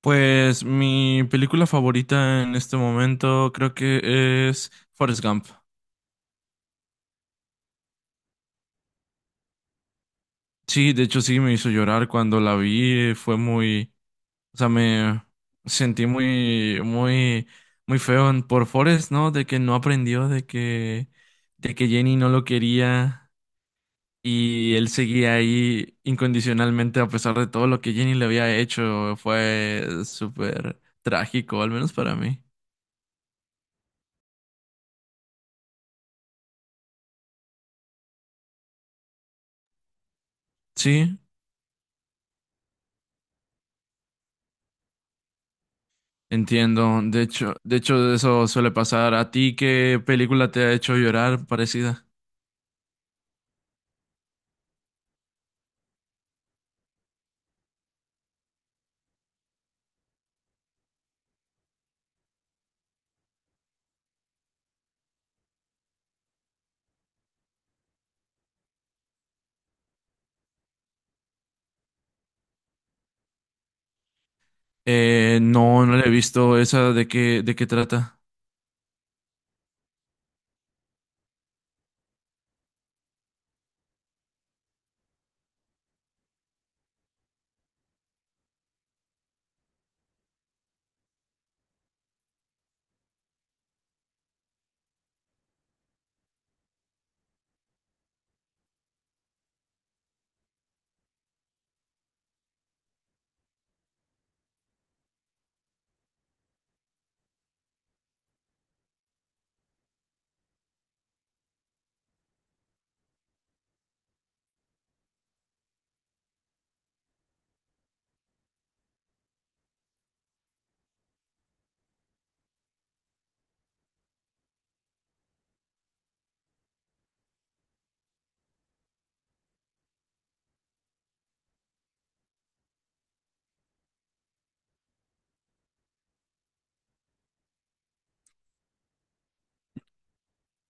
Pues mi película favorita en este momento creo que es Forrest Gump. Sí, de hecho sí me hizo llorar cuando la vi, fue muy, o sea, me sentí muy, muy, muy feo por Forrest, ¿no? De que no aprendió, de que Jenny no lo quería y él seguía ahí incondicionalmente a pesar de todo lo que Jenny le había hecho, fue súper trágico, al menos para mí. Sí. Entiendo. De hecho, eso suele pasar. ¿A ti qué película te ha hecho llorar parecida? No, no la he visto. ¿Esa de qué trata?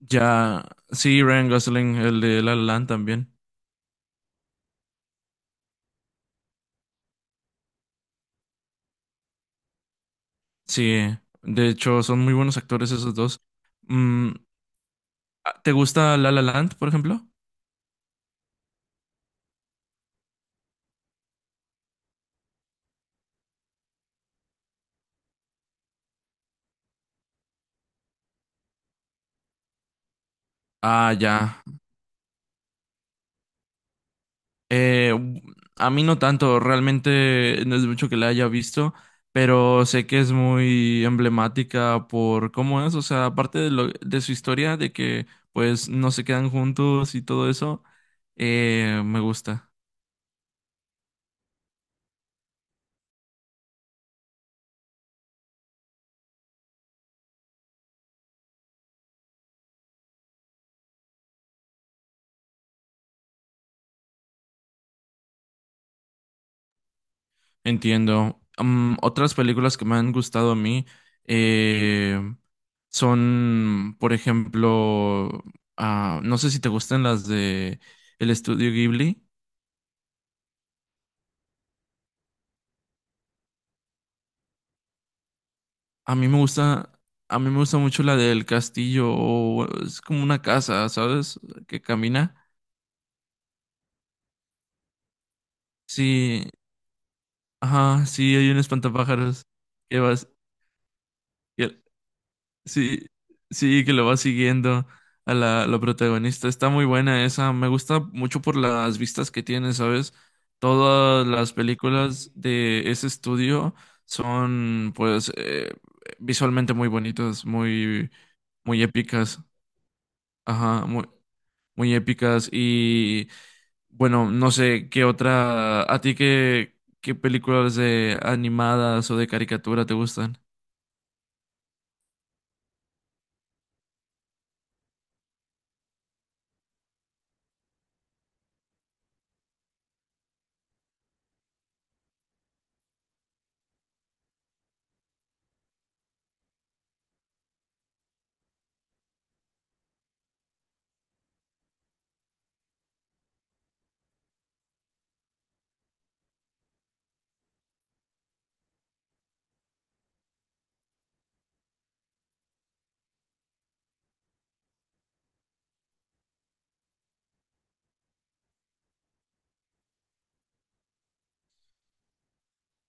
Ya, sí, Ryan Gosling, el de La La Land también. Sí, de hecho, son muy buenos actores esos dos. Mm, ¿te gusta La La Land, por ejemplo? Ah, ya. Eh, a mí no tanto, realmente no es mucho que la haya visto, pero sé que es muy emblemática por cómo es, o sea, aparte de su historia, de que pues no se quedan juntos y todo eso, me gusta. Entiendo. Mm, otras películas que me han gustado a mí eh, son, por ejemplo, ah, no sé si te gustan las de el estudio Ghibli. A mí me gusta, a mí me gusta mucho la del castillo, o es como una casa, ¿sabes? Que camina. Sí, ajá, sí, hay un espantapájaros que que- sí, sí, que lo va siguiendo a la protagonista. Está muy buena esa, me gusta mucho por las vistas que tiene, ¿sabes? Todas las películas de ese estudio son, pues, visualmente muy bonitas, muy, muy épicas. Ajá, muy. Muy épicas y bueno, no sé qué otra, a ti qué películas de animadas o de caricatura te gustan.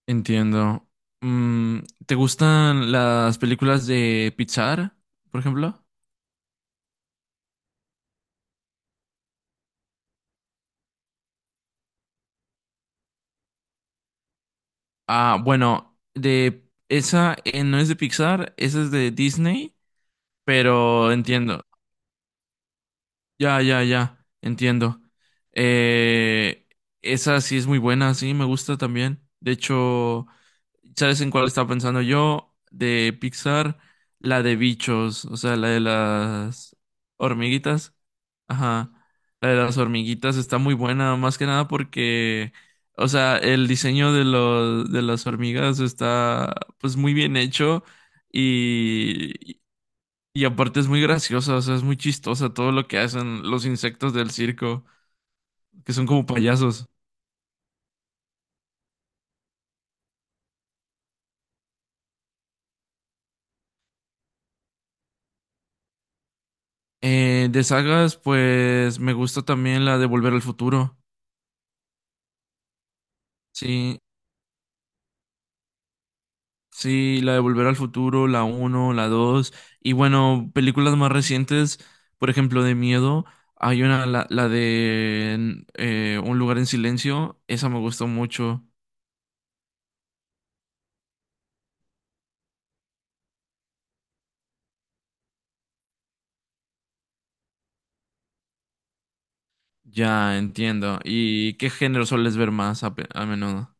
Entiendo. Mm, ¿te gustan las películas de Pixar, por ejemplo? Ah, bueno, de esa no es de Pixar, esa es de Disney, pero entiendo. Ya, entiendo. Eh, Esa sí es muy buena, sí, me gusta también. De hecho, ¿sabes en cuál estaba pensando yo? De Pixar, la de bichos, o sea, la de las hormiguitas. Ajá. La de las hormiguitas está muy buena, más que nada porque, o sea, el diseño de de las hormigas está pues muy bien hecho y, y aparte es muy graciosa, o sea, es muy chistosa todo lo que hacen los insectos del circo, que son como payasos. De sagas, pues me gusta también la de Volver al Futuro. Sí, sí, la de Volver al Futuro, la uno la 2 y bueno, películas más recientes, por ejemplo, de miedo, hay una, la de Un lugar en silencio, esa me gustó mucho, ya entiendo. ¿Y qué género sueles ver más a menudo?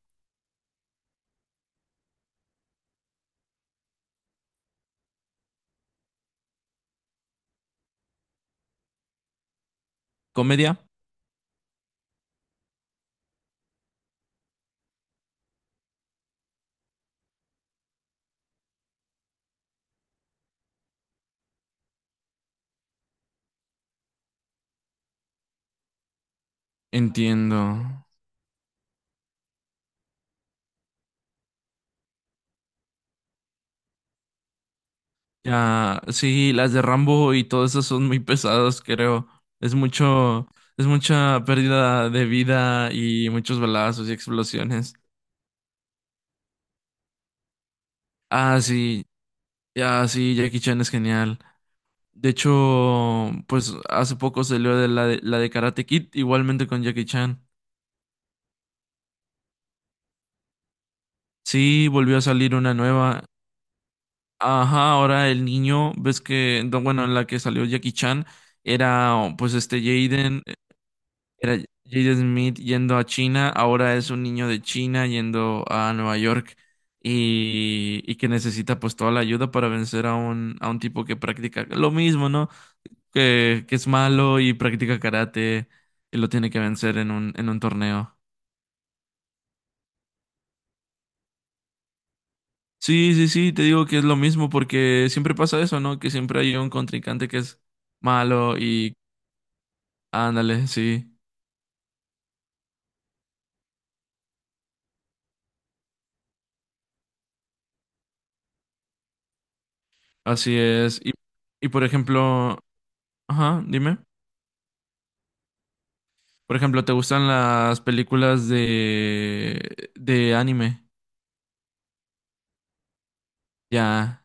¿Comedia? Entiendo. Ya, sí, las de Rambo y todas esas son muy pesadas, creo. Es mucho, es mucha pérdida de vida y muchos balazos y explosiones. Ah, sí, ya, sí, Jackie Chan es genial. De hecho, pues hace poco salió la de Karate Kid, igualmente con Jackie Chan. Sí, volvió a salir una nueva. Ajá, ahora el niño, ves que, no, bueno, en la que salió Jackie Chan era oh, pues este Jaden, era Jaden Smith yendo a China, ahora es un niño de China yendo a Nueva York y que necesita pues toda la ayuda para vencer a a un tipo que practica lo mismo, ¿no? Que es malo y practica karate y lo tiene que vencer en en un torneo. Sí, sí, sí, te digo que es lo mismo porque siempre pasa eso, ¿no? Que siempre hay un contrincante que es malo y ándale, sí, así es. Y por ejemplo, ajá, dime. Por ejemplo, ¿te gustan las películas de anime? Ya,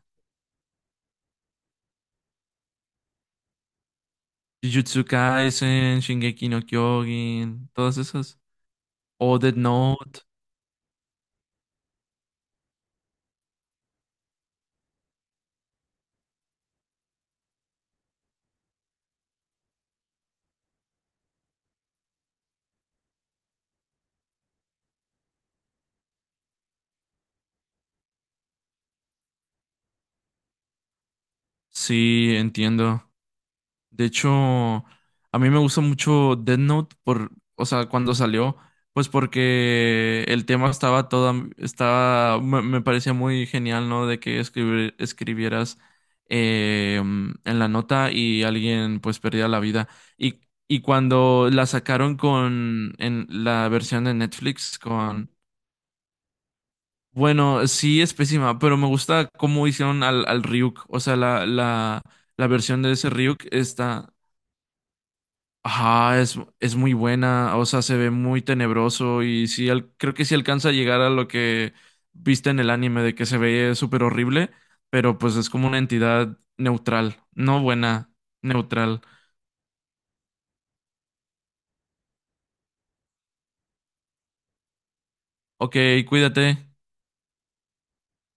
Jujutsu Kaisen, Shingeki no Kyojin, todas esas. O Death Note. Sí, entiendo. De hecho, a mí me gusta mucho Death Note por, o sea, cuando salió, pues porque el tema estaba toda, estaba, me parecía muy genial, ¿no? De que escribieras en la nota y alguien pues perdía la vida. Y, y cuando la sacaron con, en la versión de Netflix con, bueno, sí es pésima, pero me gusta cómo hicieron al Ryuk, o sea, la versión de ese Ryuk está... Ajá, es muy buena, o sea, se ve muy tenebroso y sí, creo que sí alcanza a llegar a lo que viste en el anime de que se ve súper horrible, pero pues es como una entidad neutral, no buena, neutral. Ok, cuídate.